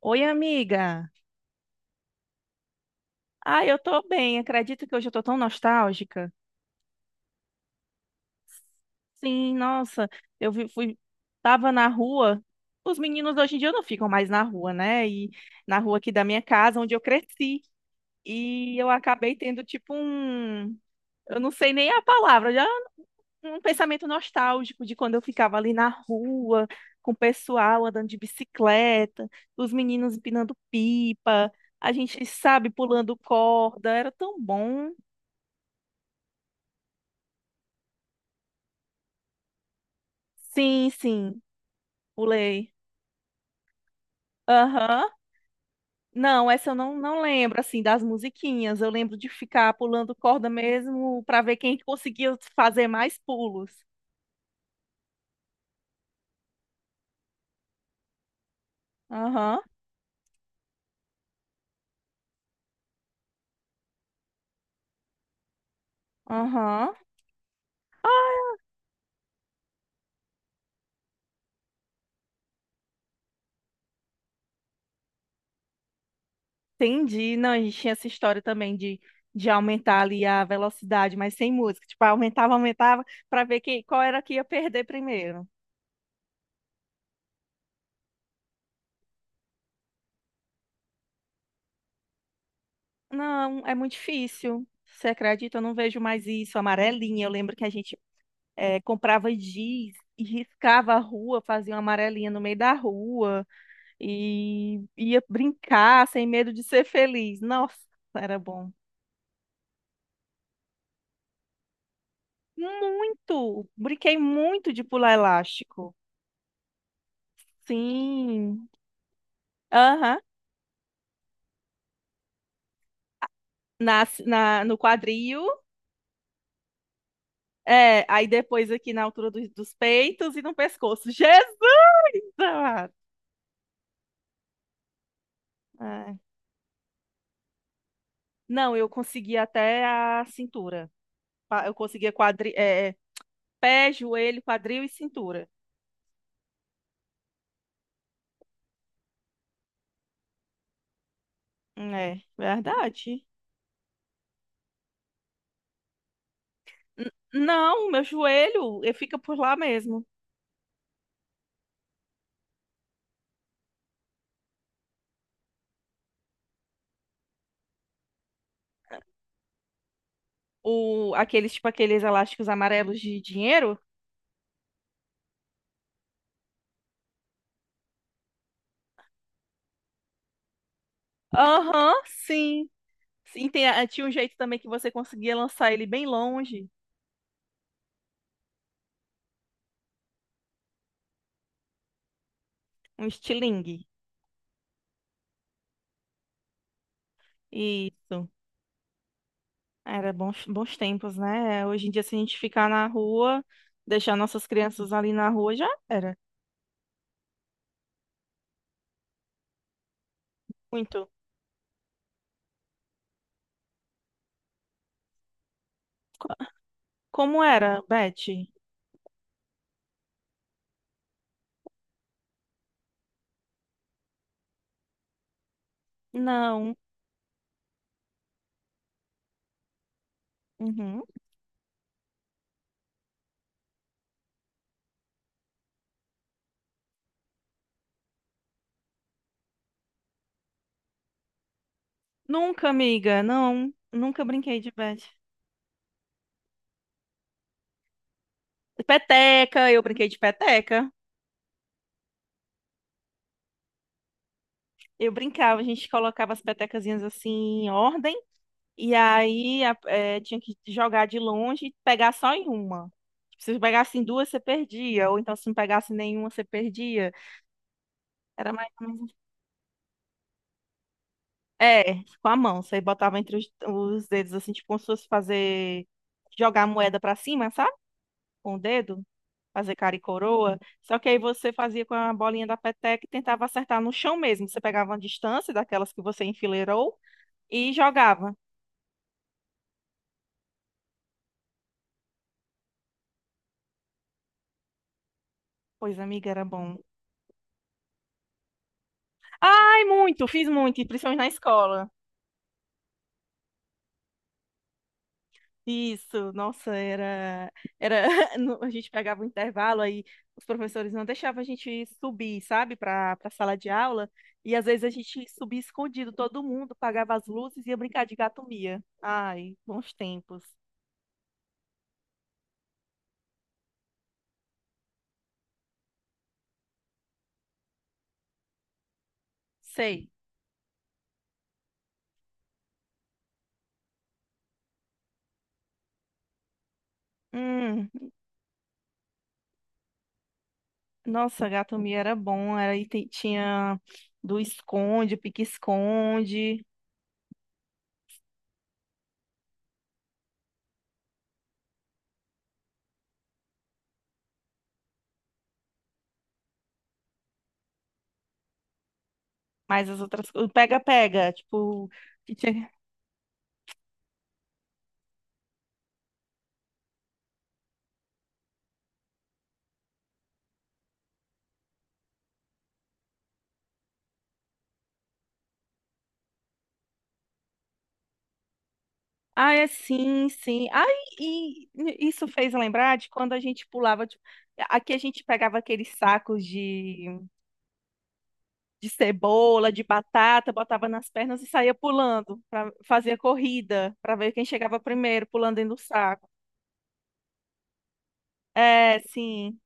Oi, amiga. Eu tô bem. Acredito que hoje eu tô tão nostálgica. Sim, nossa, fui, tava na rua. Os meninos hoje em dia não ficam mais na rua, né? E na rua aqui da minha casa, onde eu cresci. E eu acabei tendo tipo um, eu não sei nem a palavra, já um pensamento nostálgico de quando eu ficava ali na rua, com o pessoal andando de bicicleta, os meninos empinando pipa, a gente, sabe, pulando corda. Era tão bom. Sim, sim, pulei. Aham. Não, essa eu não lembro, assim, das musiquinhas. Eu lembro de ficar pulando corda mesmo pra ver quem conseguia fazer mais pulos. Aham, aham. Entendi. Não, a gente tinha essa história também de aumentar ali a velocidade, mas sem música. Tipo, aumentava, pra ver quem, qual era que ia perder primeiro. Não, é muito difícil. Você acredita? Eu não vejo mais isso. Amarelinha, eu lembro que a gente é, comprava giz e riscava a rua, fazia uma amarelinha no meio da rua e ia brincar sem medo de ser feliz. Nossa, era bom. Muito! Brinquei muito de pular elástico. Sim. Aham. No quadril. É, aí depois aqui na altura dos peitos e no pescoço. Jesus amado! Ai. Não, eu consegui até a cintura. Eu conseguia quadri, é, pé, joelho, quadril e cintura. É, verdade. Não, meu joelho fica por lá mesmo. O, aqueles, tipo, aqueles elásticos amarelos de dinheiro. Aham, sim. Sim, tinha um jeito também que você conseguia lançar ele bem longe. Um estilingue. Isso. Era bons, bons tempos, né? Hoje em dia, se a gente ficar na rua, deixar nossas crianças ali na rua, já era. Muito. Como era, Beth? Não. Uhum. Nunca, amiga. Não. Nunca brinquei de Beth. Peteca, eu brinquei de peteca. Eu brincava, a gente colocava as petecazinhas assim em ordem, e aí tinha que jogar de longe e pegar só em uma. Se você pegasse em duas, você perdia, ou então se não pegasse nenhuma, você perdia. Era mais ou menos assim. É, com a mão, você botava entre os dedos, assim, tipo, como se fosse fazer. Jogar a moeda pra cima, sabe? Com o dedo. Fazer cara e coroa. Só que aí você fazia com a bolinha da peteca e tentava acertar no chão mesmo. Você pegava uma distância daquelas que você enfileirou e jogava. Pois, amiga, era bom. Ai, muito, fiz muito, e principalmente na escola. Isso, nossa, era, a gente pegava o intervalo aí, os professores não deixavam a gente subir, sabe, para sala de aula, e às vezes a gente subia escondido, todo mundo pagava as luzes e ia brincar de gato mia. Ai, bons tempos. Sei. Hum. Nossa, gato mia era bom, tinha do esconde, pique-esconde, mas as outras coisas, pega-pega, tipo, que tinha... Ah, é, sim, sim. Ah, e isso fez lembrar de quando a gente pulava, tipo, aqui a gente pegava aqueles sacos de cebola, de batata, botava nas pernas e saía pulando, pra, fazia corrida, para ver quem chegava primeiro, pulando dentro do saco. É, sim.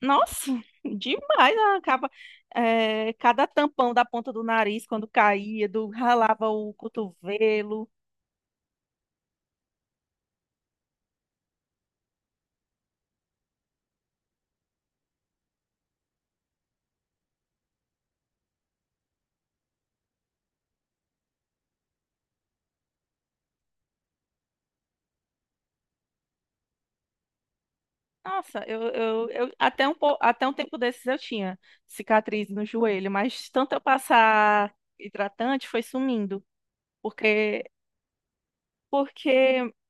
Nossa, demais a capa. É, cada tampão da ponta do nariz quando caía, do ralava o cotovelo. Nossa, até um, até um tempo desses eu tinha cicatriz no joelho, mas tanto eu passar hidratante foi sumindo, porque porque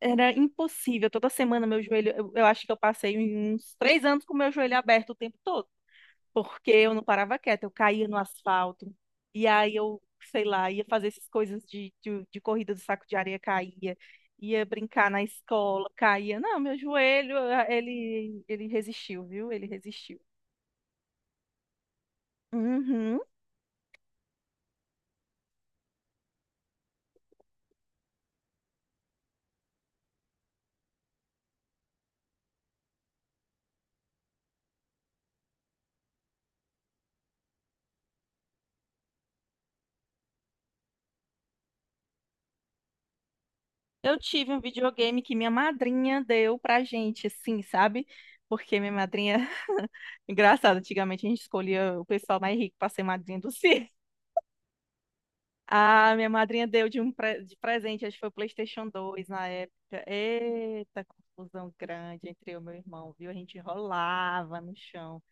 era impossível. Toda semana meu joelho, eu acho que eu passei uns três anos com meu joelho aberto o tempo todo. Porque eu não parava quieta, eu caía no asfalto, e aí eu, sei lá, ia fazer essas coisas de corrida do saco de areia, caía, ia brincar na escola, caía. Não, meu joelho, ah, ele resistiu, viu? Ele resistiu. Uhum. Eu tive um videogame que minha madrinha deu pra gente, assim, sabe? Porque minha madrinha. Engraçado, antigamente a gente escolhia o pessoal mais rico pra ser madrinha do circo. Ah, minha madrinha deu de um de presente, acho que foi o PlayStation 2 na época. Eita, confusão grande entre eu e meu irmão, viu? A gente rolava no chão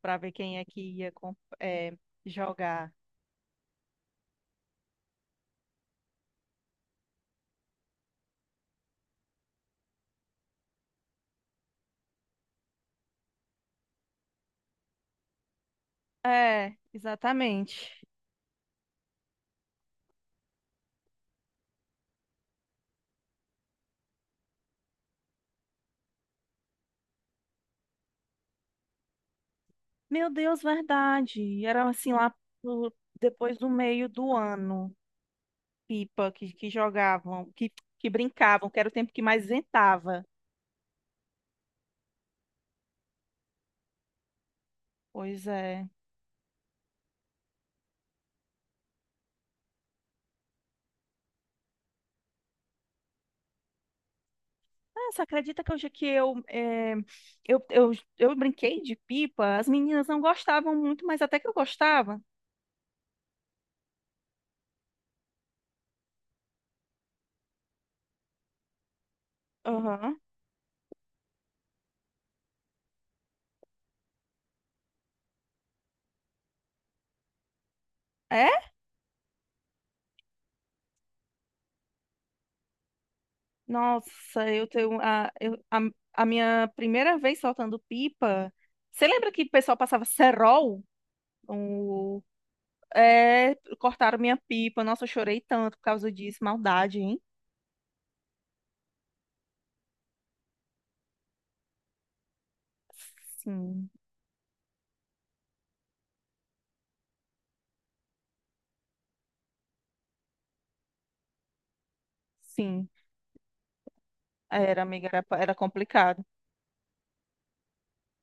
pra ver quem é que jogar. É, exatamente. Meu Deus, verdade. Era assim lá pro- depois do meio do ano, pipa que jogavam, que brincavam, que era o tempo que mais ventava. Pois é. Ah, você acredita que hoje que eu, eu, eu, eu brinquei de pipa? As meninas não gostavam muito, mas até que eu gostava. Aham. É? Nossa, eu tenho a, eu- a minha primeira vez soltando pipa. Você lembra que o pessoal passava cerol? O, é, cortaram minha pipa. Nossa, eu chorei tanto por causa disso. Maldade, hein? Sim, sim. Era, amiga, era, era complicado.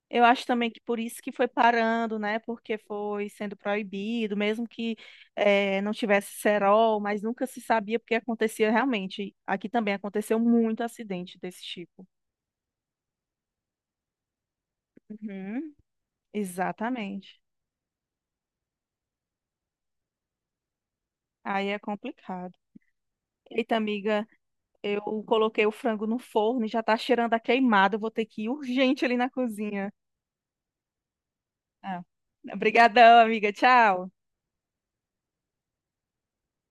Eu acho também que por isso que foi parando, né? Porque foi sendo proibido, mesmo que não tivesse cerol, mas nunca se sabia porque acontecia realmente. Aqui também aconteceu muito acidente desse tipo. Uhum, exatamente. Aí é complicado. Eita, amiga, eu coloquei o frango no forno e já tá cheirando a queimado. Eu vou ter que ir urgente ali na cozinha. Ah. Obrigadão, amiga. Tchau.